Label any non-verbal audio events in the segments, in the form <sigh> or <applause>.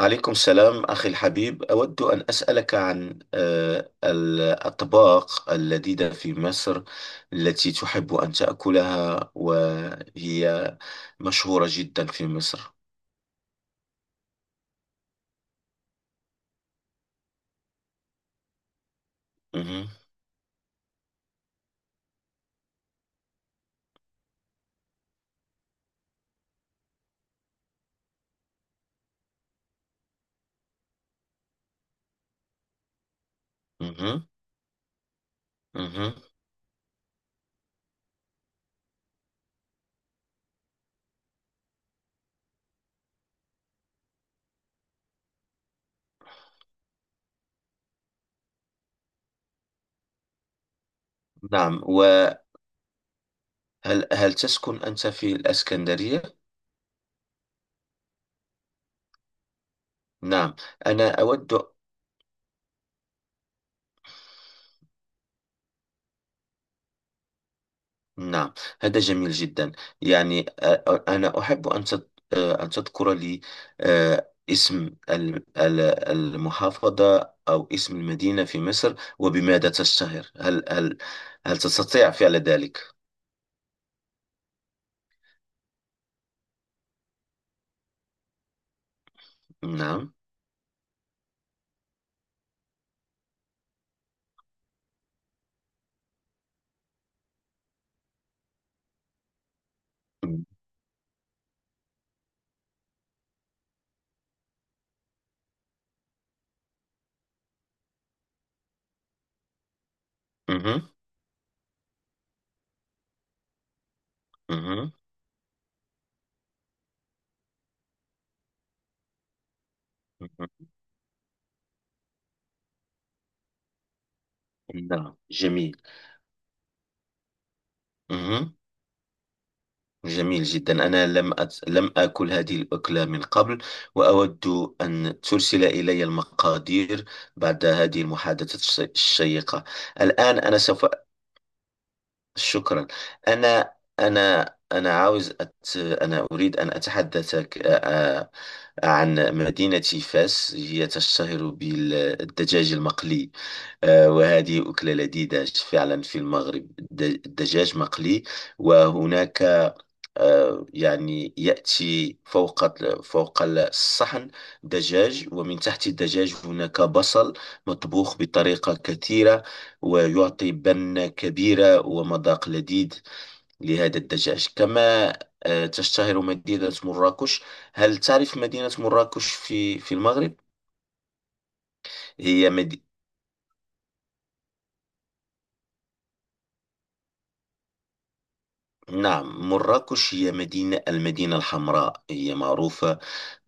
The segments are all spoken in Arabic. عليكم السلام أخي الحبيب، أود أن أسألك عن الأطباق اللذيذة في مصر التي تحب أن تأكلها وهي مشهورة جدا في مصر. مهم. مهم. مهم. نعم، وهل هل تسكن أنت في الإسكندرية؟ نعم، أنا أود. نعم، هذا جميل جدا. أنا أحب أن تذكر لي اسم المحافظة أو اسم المدينة في مصر وبماذا تشتهر. هل تستطيع فعل ذلك؟ نعم. مهم. مهم. مهم. نعم، جميل. مهم. جميل جدا. أنا لم أت... لم آكل هذه الأكلة من قبل، وأود أن ترسل إلي المقادير بعد هذه المحادثة الشيقة. الآن أنا سوف، شكرا. أنا أنا أنا أريد أن أتحدثك عن مدينة فاس. هي تشتهر بالدجاج المقلي، وهذه أكلة لذيذة فعلا في المغرب. الدجاج مقلي، وهناك يأتي فوق الصحن دجاج، ومن تحت الدجاج هناك بصل مطبوخ بطريقة كثيرة، ويعطي بنة كبيرة ومذاق لذيذ لهذا الدجاج. كما تشتهر مدينة مراكش. هل تعرف مدينة مراكش في المغرب؟ هي مد... نعم، مراكش هي مدينة المدينة الحمراء، هي معروفة،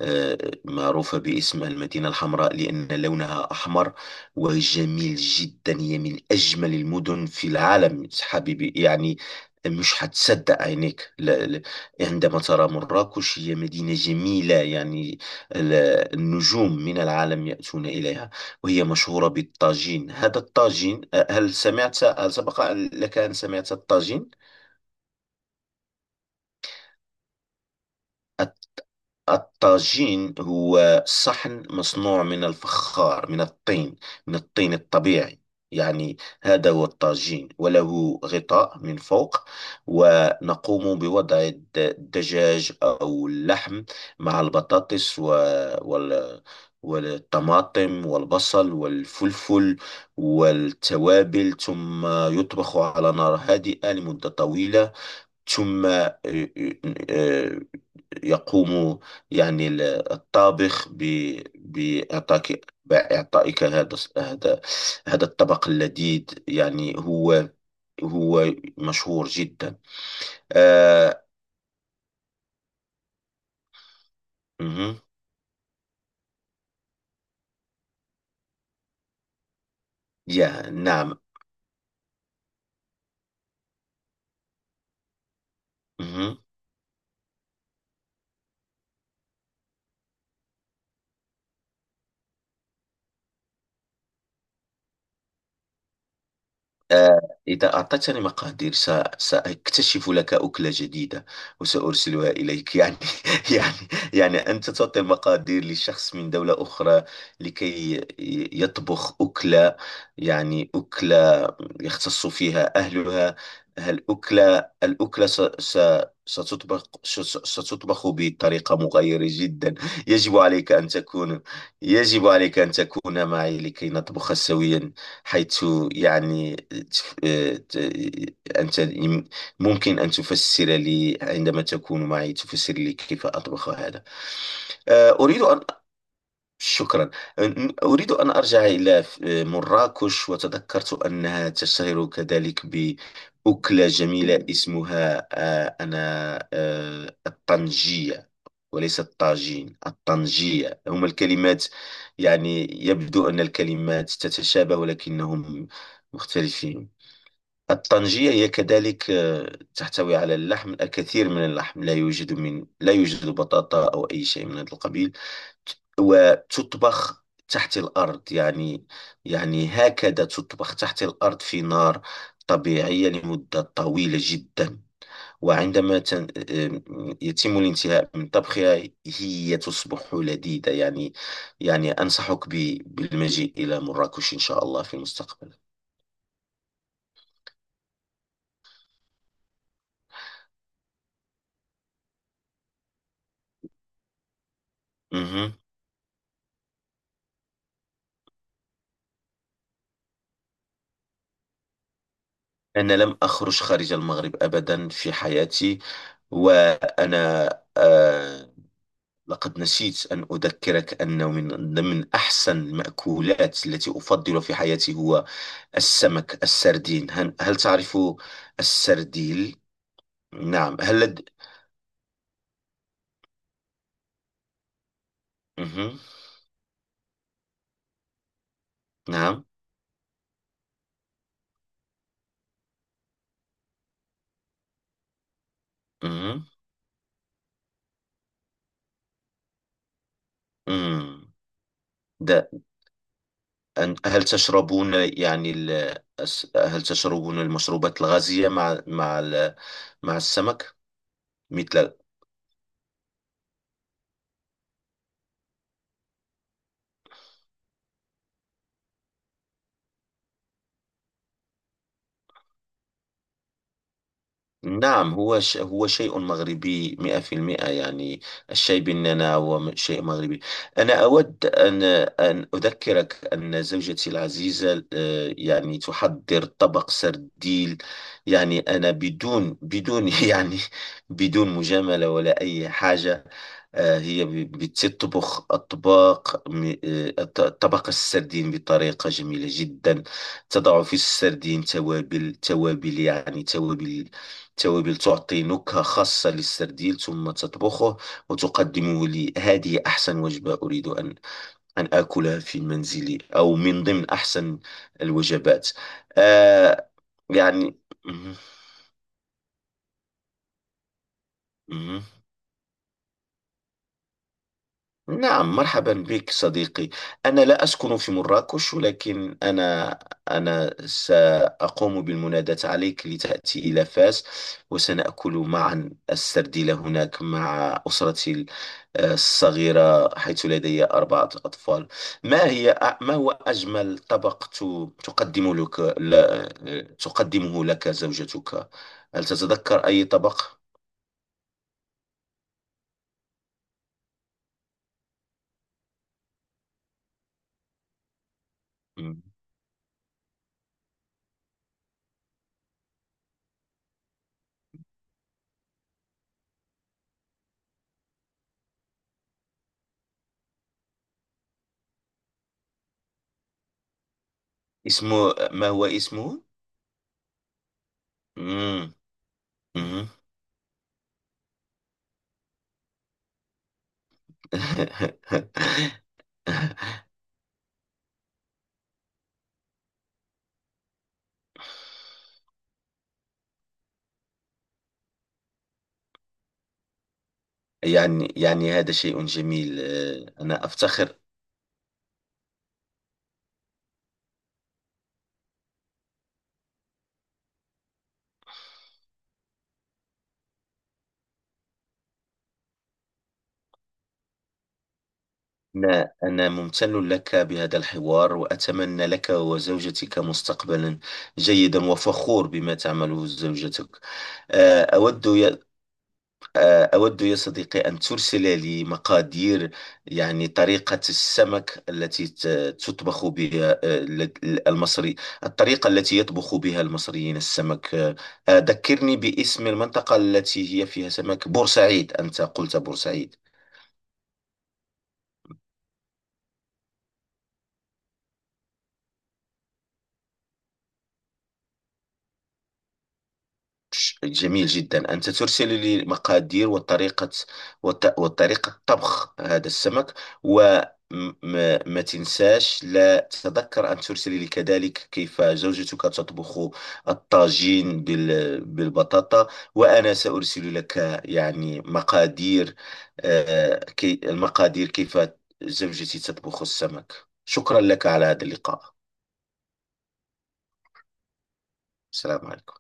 آه، معروفة باسم المدينة الحمراء لأن لونها أحمر وجميل جدا. هي من أجمل المدن في العالم حبيبي، يعني مش هتصدق عينيك. لا لا، عندما ترى مراكش هي مدينة جميلة، يعني ال- النجوم من العالم يأتون إليها. وهي مشهورة بالطاجين. هذا الطاجين هل سبق لك أن سمعت الطاجين؟ الطاجين هو صحن مصنوع من الفخار، من الطين، من الطين الطبيعي، يعني. هذا هو الطاجين، وله غطاء من فوق، ونقوم بوضع الدجاج أو اللحم مع البطاطس وال... والطماطم والبصل والفلفل والتوابل، ثم يطبخ على نار هادئة لمدة طويلة. ثم آه، يقوم، يعني الطابخ ب- بإعطاك بإعطائك هذا هذا الطبق اللذيذ، يعني هو، هو مشهور جدا. آه. مهم. يا نعم. مهم. آه، إذا أعطتني مقادير سأكتشف لك أكلة جديدة وسأرسلها إليك. <laughs> يعني يعني أنت تعطي مقادير لشخص من دولة أخرى لكي يطبخ أكلة، أكلة يختص فيها أهلها. هل أكلة الأكلة ستطبخ بطريقة مغايرة جدا. يجب عليك أن تكون، يجب عليك أن تكون معي لكي نطبخ سويا، حيث يعني تف- آه، ت- أنت ممكن أن تفسر لي، عندما تكون معي تفسر لي كيف أطبخ هذا. آه، أريد أن، شكرا. آه، أريد أن أرجع إلى مراكش. وتذكرت أنها تشتهر كذلك بأكلة جميلة اسمها آه، أنا آه، الطنجية، وليس الطاجين. الطنجية هما الكلمات، يعني يبدو أن الكلمات تتشابه ولكنهم مختلفين. الطنجية هي كذلك تحتوي على اللحم، الكثير من اللحم. لا يوجد، لا يوجد بطاطا أو أي شيء من هذا القبيل، وتطبخ تحت الأرض، يعني. يعني هكذا تطبخ تحت الأرض في نار طبيعية لمدة طويلة جدا. وعندما تن- آم، يتم الانتهاء من طبخها هي تصبح لذيذة، يعني. يعني أنصحك بالمجيء إلى مراكش إن شاء الله في المستقبل. مهم. أنا لم أخرج خارج المغرب أبدا في حياتي. وأنا آه، لقد نسيت أن أذكرك أنه من من أحسن المأكولات التي أفضل في حياتي هو السمك السردين. هل تعرف السرديل؟ نعم. مهم. نعم. مم. مم. ده. هل تشربون يعني هل تشربون المشروبات الغازية مع مع السمك مثل؟ نعم، هو شيء مغربي مئة في المئة، يعني. الشاي بالنعناع هو شيء مغربي. أنا أود أن، أن أذكرك أن زوجتي العزيزة، تحضر طبق سرديل، يعني. أنا بدون <laughs> يعني بدون مجاملة ولا أي حاجة. آه، هي بتطبخ أطباق طبق السردين بطريقة جميلة جدا. تضع في السردين توابل، توابل تعطي نكهة خاصة للسرديل، ثم تطبخه وتقدمه لي. هذه أحسن وجبة أريد أن، أن آكلها في منزلي، أو من ضمن أحسن الوجبات. آه، يعني. مهم. مهم. نعم، مرحبا بك صديقي. أنا لا أسكن في مراكش، ولكن أنا، أنا سأقوم بالمناداة عليك لتأتي إلى فاس، وسنأكل معا السرديلة هناك مع أسرتي الصغيرة، حيث لدي أربعة أطفال. ما هي ما هو أجمل طبق تقدمه لك زوجتك؟ هل تتذكر أي طبق؟ مم. اسمه، ما هو اسمه؟ مم. مم. <laughs> يعني، يعني هذا شيء جميل. آه، أنا أفتخر. أنا أنا ممتن لك بهذا الحوار، وأتمنى لك وزوجتك مستقبلا جيدا، وفخور بما تعمله زوجتك. آه، أود، آه، أود يا صديقي أن ترسل لي مقادير، يعني طريقة السمك التي تطبخ بها. آه، المصري، الطريقة التي يطبخ بها المصريين السمك. ذكرني باسم المنطقة التي هي فيها سمك بورسعيد. أنت قلت بورسعيد. جميل جدا. أنت ترسل لي مقادير وطريقة، وطريقة طبخ هذا السمك، وما تنساش، لا تتذكر أن ترسل لي كذلك كيف زوجتك تطبخ الطاجين بالبطاطا. وأنا سأرسل لك، يعني مقادير. آه، كي المقادير كيف زوجتي تطبخ السمك. شكرا لك على هذا اللقاء. السلام عليكم.